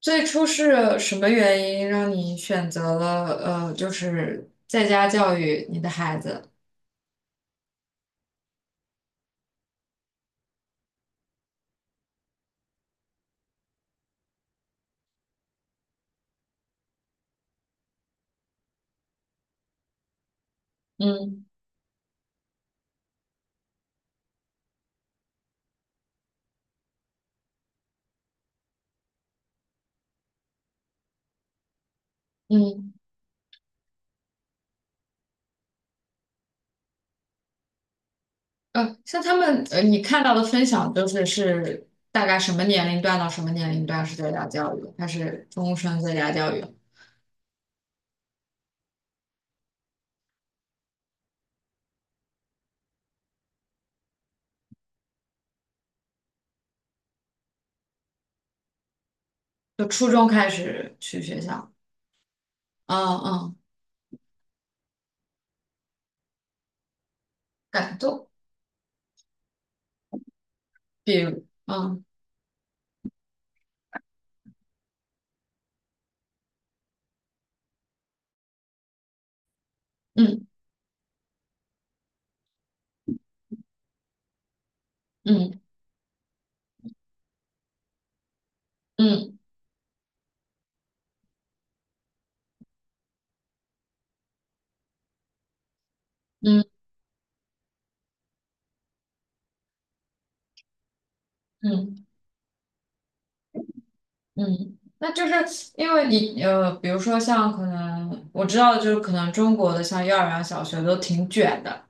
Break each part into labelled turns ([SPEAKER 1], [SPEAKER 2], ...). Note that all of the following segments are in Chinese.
[SPEAKER 1] 最初是什么原因让你选择了就是在家教育你的孩子？嗯嗯，像他们你看到的分享都是大概什么年龄段到什么年龄段是在家教育，还是终身在家教育？就初中开始去学校？嗯嗯，感动，比如嗯嗯嗯嗯嗯嗯。嗯嗯，那就是因为你比如说像可能我知道，就是可能中国的像幼儿园、小学都挺卷的，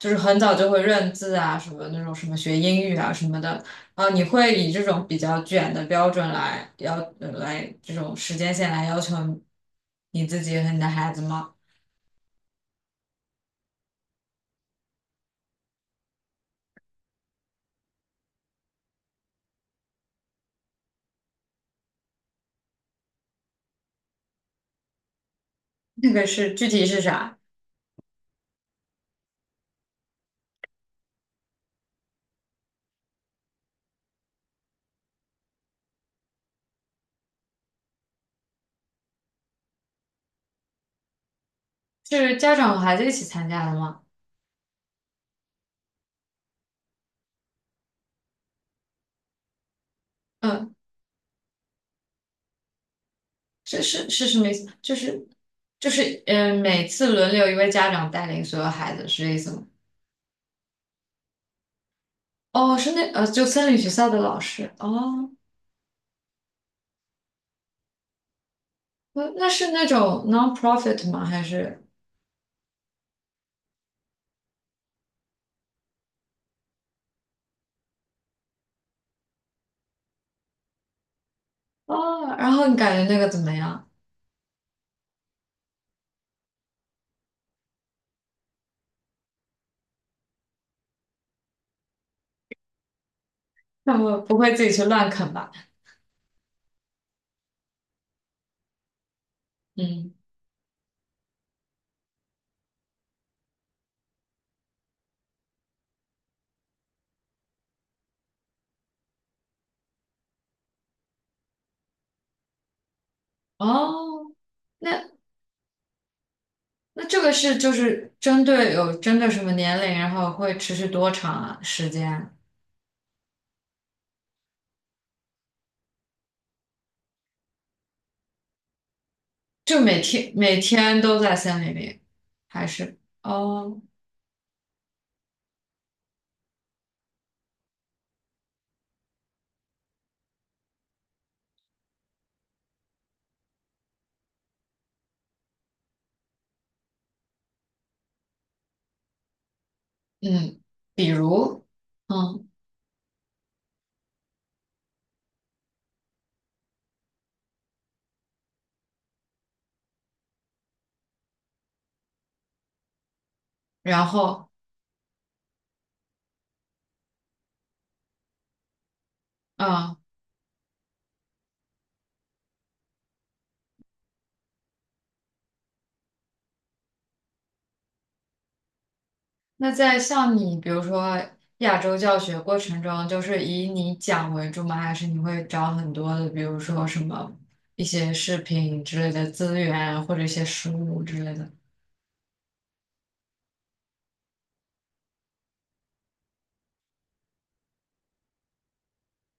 [SPEAKER 1] 就是很早就会认字啊，什么那种什么学英语啊什么的。啊。你会以这种比较卷的标准来这种时间线来要求你自己和你的孩子吗？那个是具体是啥？是家长和孩子一起参加的吗？嗯。是是是什么意思？就是每次轮流一位家长带领所有孩子，是这意思吗？哦，是那就森林学校的老师哦，那是那种 non-profit 吗？还是哦？然后你感觉那个怎么样？那我不会自己去乱啃吧？嗯，哦，那那这个就是针对什么年龄，然后会持续多长啊时间？就每天每天都在森林里，还是哦？嗯，比如，嗯，然后，嗯，那在像你，比如说亚洲教学过程中，就是以你讲为主吗？还是你会找很多的，比如说什么一些视频之类的资源，或者一些书之类的？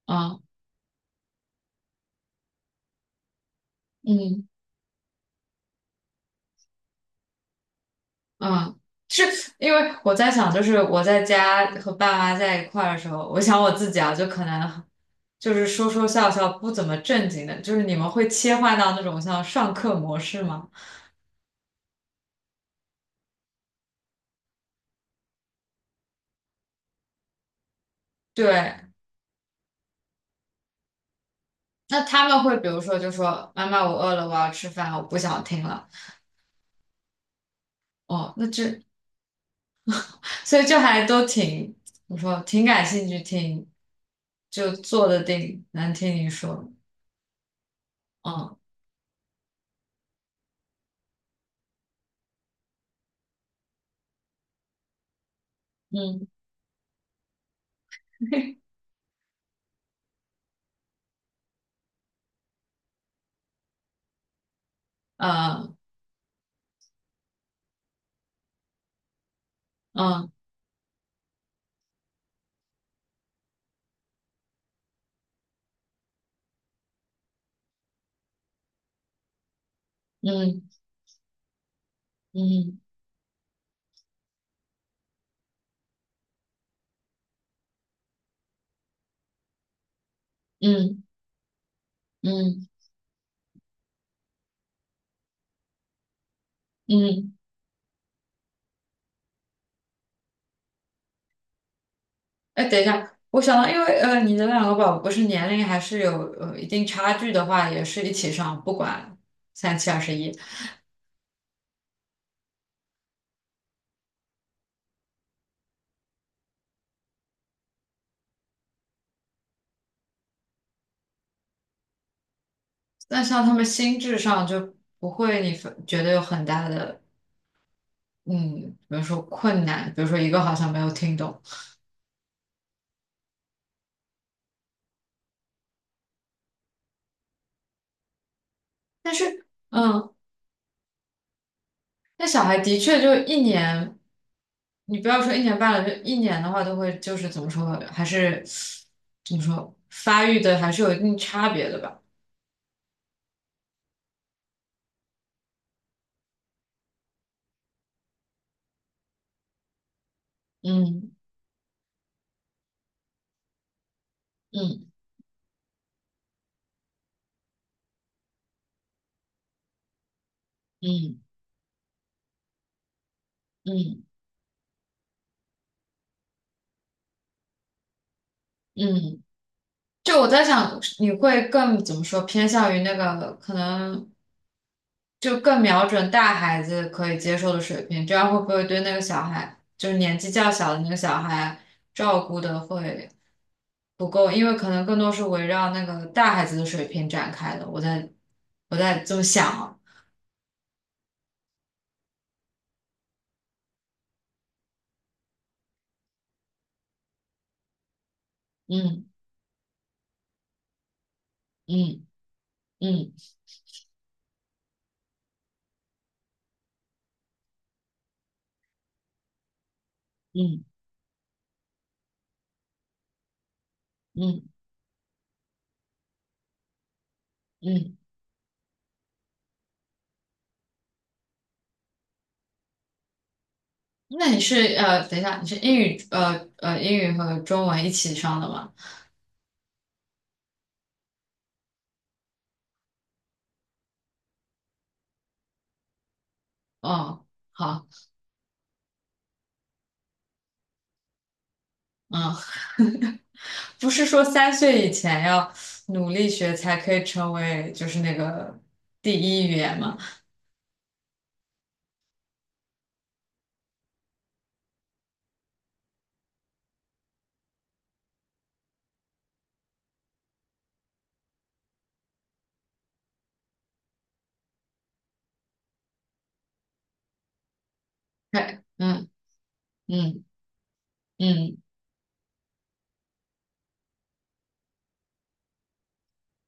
[SPEAKER 1] 嗯嗯嗯，是因为我在想，就是我在家和爸妈在一块儿的时候，我想我自己啊，就可能就是说说笑笑，不怎么正经的，就是你们会切换到那种像上课模式吗？对，那他们会比如说就说妈妈我饿了，我要吃饭，我不想听了。哦，那这所以就还都挺，我说挺感兴趣，听，就坐得定，能听你说。嗯嗯呃嗯嗯嗯嗯嗯嗯。哎，等一下，我想到，因为你的两个宝宝不是年龄还是有一定差距的话，也是一起上，不管三七二十一。那像他们心智上就不会你分觉得有很大的嗯，比如说困难，比如说一个好像没有听懂，但是嗯，那小孩的确就一年，你不要说1年半了，就一年的话都会就是怎么说，还是怎么说发育的还是有一定差别的吧？嗯嗯嗯嗯嗯。嗯。就我在想，你会更怎么说，偏向于那个可能就更瞄准大孩子可以接受的水平，这样会不会对那个小孩，就是年纪较小的那个小孩，照顾的会不够？因为可能更多是围绕那个大孩子的水平展开的。我在这么想啊，嗯嗯嗯嗯嗯嗯。那你是等一下，你是英语和中文一起上的吗？哦，好。嗯。不是说3岁以前要努力学才可以成为就是那个第一语言嘛？对，嗯嗯嗯嗯。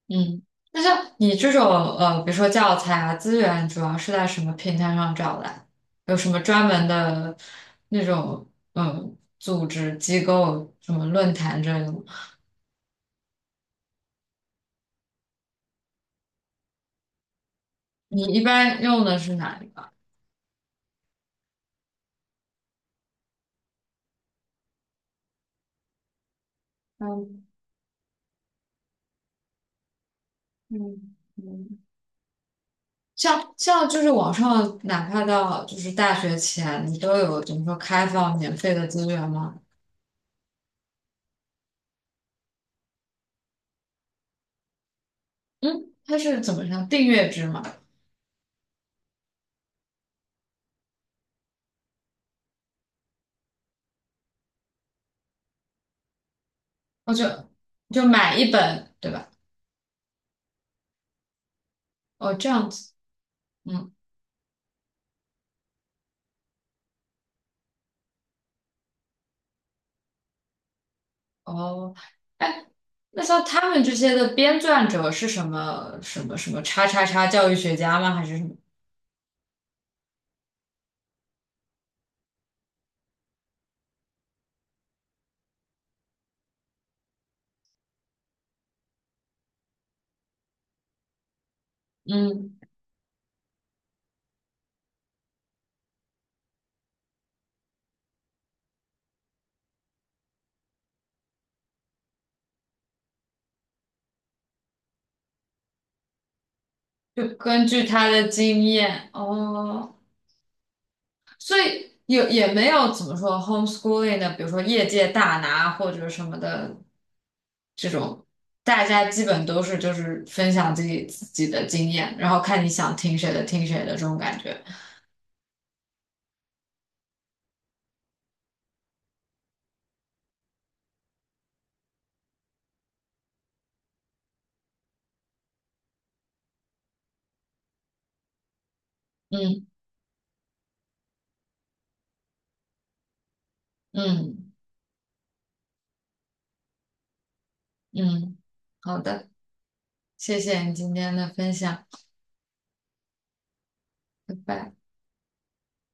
[SPEAKER 1] 嗯。那像你这种比如说教材啊资源，主要是在什么平台上找的？有什么专门的那种组织机构、什么论坛之类的吗？你一般用的是哪一个？嗯嗯嗯。像就是网上，哪怕到就是大学前，你都有怎么说开放免费的资源吗？嗯，它是怎么样订阅制嘛？哦，就买一本，对吧？哦，这样子，嗯，哦，哎，那像他们这些的编撰者是什么什么什么叉叉叉教育学家吗？还是什么？嗯，就根据他的经验，哦，所以也没有怎么说 homeschooling 的，比如说业界大拿或者什么的这种，大家基本都是就是分享自己的经验，然后看你想听谁的听谁的这种感觉。嗯嗯嗯，好的，谢谢你今天的分享，拜拜。